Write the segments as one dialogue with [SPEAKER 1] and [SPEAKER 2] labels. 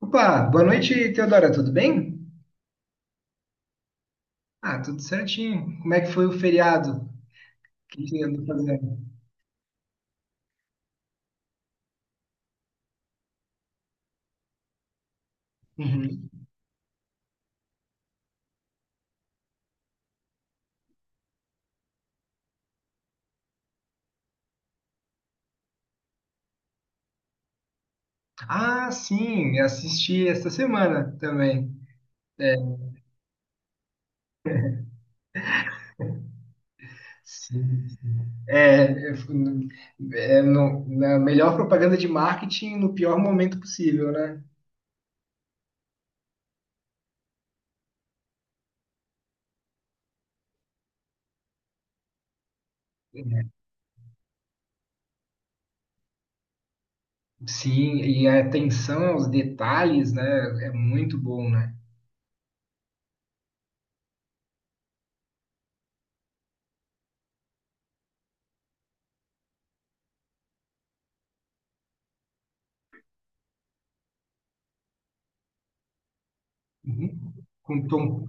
[SPEAKER 1] Opa, boa noite, Teodora, tudo bem? Ah, tudo certinho. Como é que foi o feriado? O que que andou fazendo? Uhum. Ah, sim, eu assisti esta semana também. É, sim. É, é na melhor propaganda de marketing no pior momento possível, né? Sim, e a atenção aos detalhes, né, é muito bom, né? Uhum. Com Tom,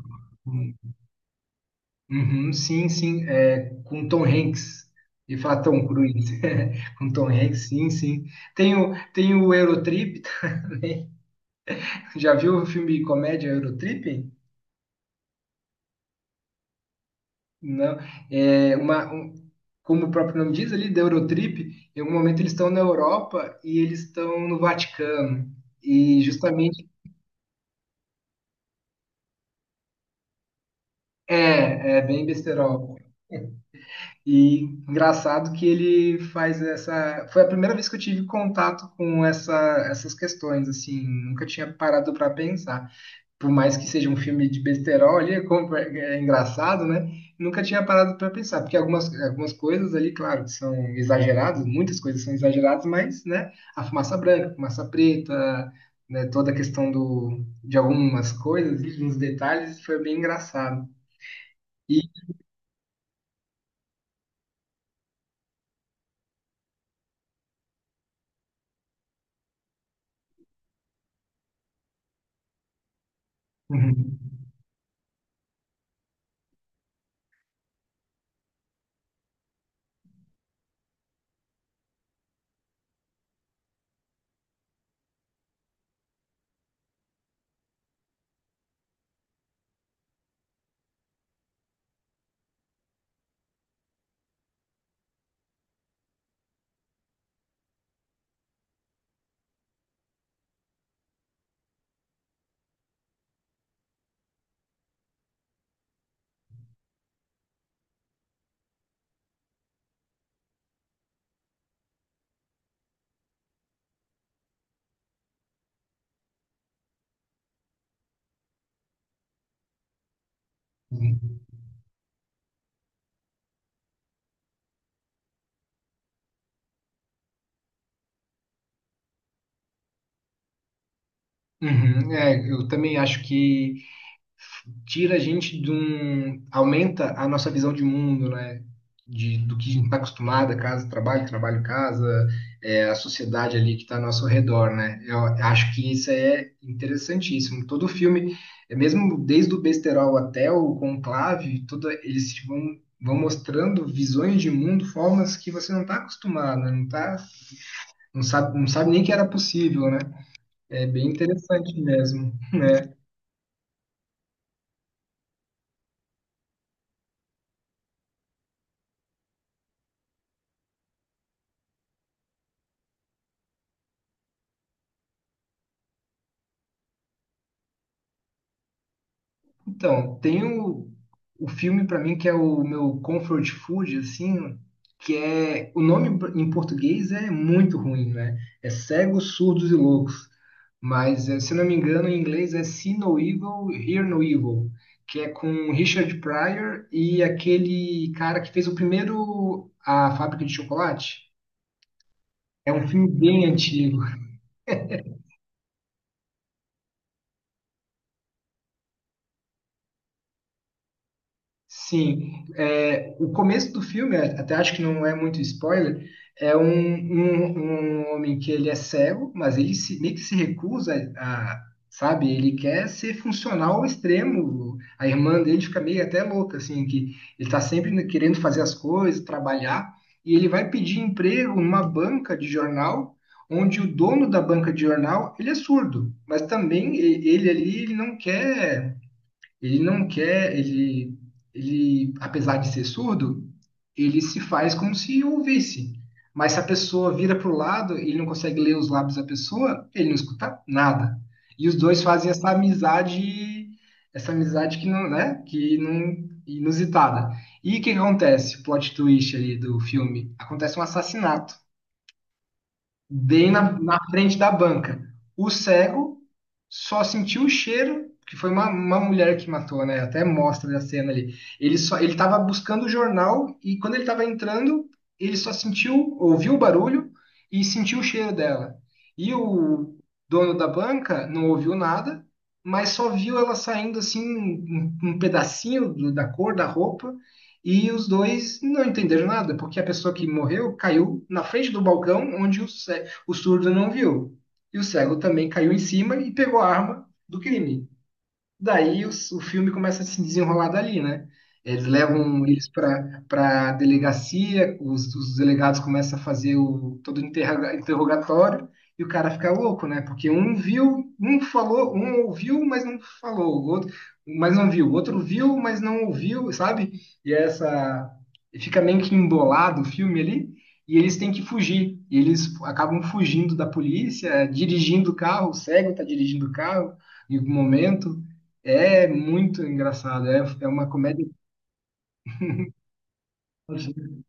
[SPEAKER 1] Uhum, sim, sim, é, com Tom Hanks, e falar Tom Cruise, com Tom Hanks, sim, sim. Tem o Eurotrip, já viu o filme de comédia Eurotrip? Não, é como o próprio nome diz ali, da Eurotrip, em algum momento eles estão na Europa e eles estão no Vaticano, e justamente, é, é bem besterol. E engraçado que ele faz essa. Foi a primeira vez que eu tive contato com essas questões, assim, nunca tinha parado para pensar. Por mais que seja um filme de besterol ali, é, é engraçado, né? Nunca tinha parado para pensar, porque algumas coisas ali, claro, que são exageradas, muitas coisas são exageradas, mas, né, a fumaça branca, a fumaça preta, né, toda a questão de algumas coisas, uns detalhes, foi bem engraçado. E. Uhum, é, eu também acho que tira a gente de um. Aumenta a nossa visão de mundo, né? Do que a gente está acostumado, casa, trabalho, trabalho, casa, é, a sociedade ali que está ao nosso redor, né? Eu acho que isso é interessantíssimo. Todo filme, é mesmo desde o Besterol até o Conclave, tudo, eles te vão, vão mostrando visões de mundo, formas que você não está acostumado, né? Não tá, não sabe, não sabe nem que era possível, né? É bem interessante mesmo. Então, o filme para mim que é o meu comfort food, assim, que é. O nome em português é muito ruim, né? É Cegos, Surdos e Loucos. Mas, se eu não me engano, em inglês é See No Evil, Hear No Evil, que é com Richard Pryor e aquele cara que fez o primeiro A Fábrica de Chocolate. É um filme bem antigo. Sim, é, o começo do filme, é, até acho que não é muito spoiler, é um homem que ele é cego, mas ele se, meio que se recusa a, sabe, ele quer ser funcional ao extremo. A irmã dele fica meio até louca, assim, que ele tá sempre querendo fazer as coisas, trabalhar, e ele vai pedir emprego numa banca de jornal, onde o dono da banca de jornal, ele é surdo, mas também ele ali, ele não quer, ele, ele, apesar de ser surdo, ele se faz como se ouvisse. Mas se a pessoa vira para o lado, ele não consegue ler os lábios da pessoa, ele não escuta nada. E os dois fazem essa amizade que não, né, que não inusitada. E o que acontece? O plot twist ali do filme. Acontece um assassinato bem na frente da banca. O cego só sentiu o cheiro, que foi uma mulher que matou, né? Até mostra a cena ali. Ele estava buscando o jornal e quando ele estava entrando, ele só sentiu, ouviu o barulho e sentiu o cheiro dela. E o dono da banca não ouviu nada, mas só viu ela saindo assim um pedacinho da cor da roupa. E os dois não entenderam nada, porque a pessoa que morreu caiu na frente do balcão onde o surdo não viu. E o cego também caiu em cima e pegou a arma do crime. Daí o filme começa a se desenrolar dali, né? Eles levam eles para para delegacia, os delegados começam a fazer o, todo o interrogatório e o cara fica louco, né? Porque um viu, um falou, um ouviu, mas não falou, o outro, mas não viu, o outro viu, mas não ouviu, sabe? E é essa fica meio que embolado o filme ali. E eles têm que fugir. E eles acabam fugindo da polícia, dirigindo o carro, o cego tá dirigindo o carro em algum momento. É muito engraçado. É, é uma comédia.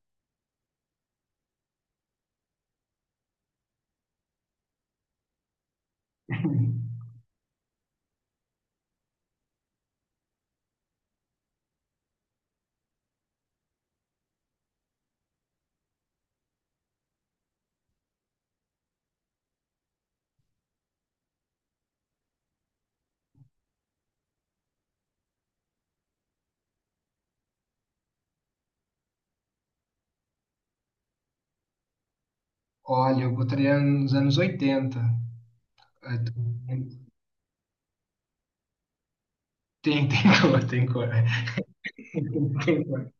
[SPEAKER 1] Olha, eu botaria nos anos 80. É, tem, tem cor, tem cor. Tem cor.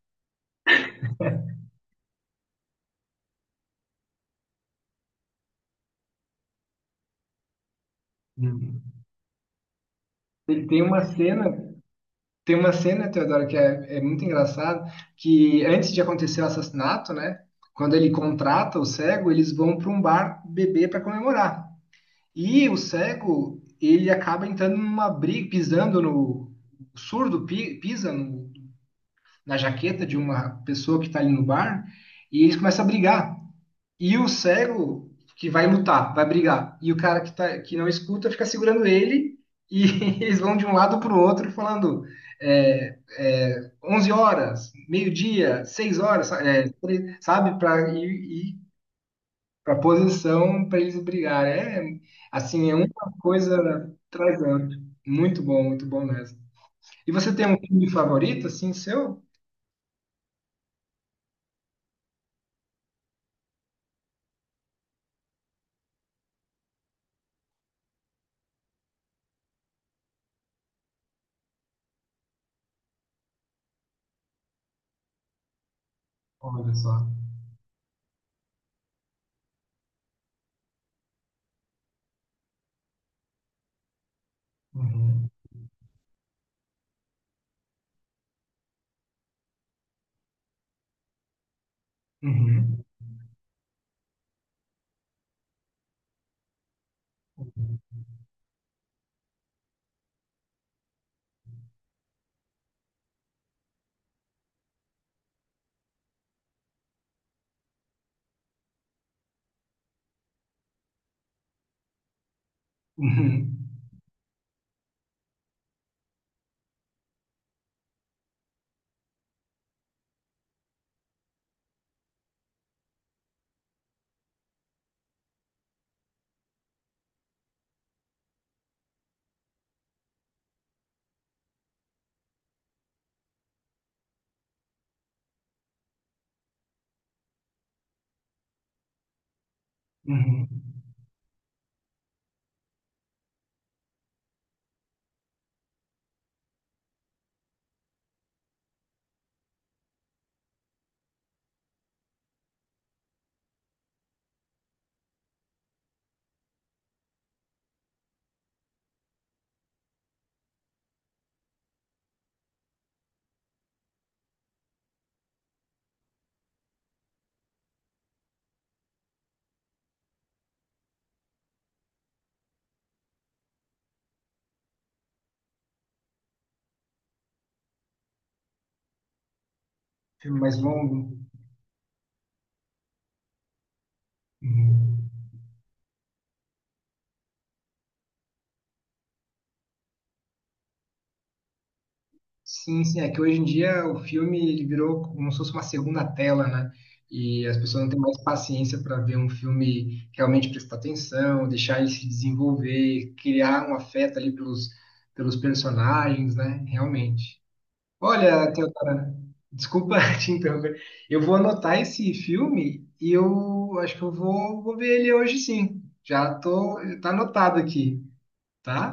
[SPEAKER 1] Tem tem uma cena, tem uma cena, Teodoro, que é, é muito engraçado, que antes de acontecer o assassinato, né? Quando ele contrata o cego, eles vão para um bar beber para comemorar. E o cego, ele acaba entrando numa briga, pisando no o surdo, pisa no na jaqueta de uma pessoa que está ali no bar e eles começam a brigar. E o cego que vai lutar, vai brigar, e o cara que, tá, que não escuta fica segurando ele e eles vão de um lado para o outro falando é, é, 11 horas, meio-dia, 6 horas, é, sabe, para ir, para posição para eles brigarem. É, assim, é uma coisa trazendo. Muito bom mesmo. E você tem um filme favorito, assim, seu? Olha só. Uhum. Uhum. Uhum. Uhum. Filme mais longo. Uhum. Sim, sim. É que hoje em dia o filme ele virou como se fosse uma segunda tela, né? E as pessoas não têm mais paciência para ver um filme realmente prestar atenção, deixar ele se desenvolver, criar um afeto ali pelos, pelos personagens, né? Realmente. Olha, Teodora, desculpa te interromper. Eu vou anotar esse filme e eu acho que vou ver ele hoje sim. Tá anotado aqui. Tá?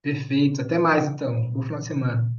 [SPEAKER 1] Perfeito. Até mais, então. Bom final de semana.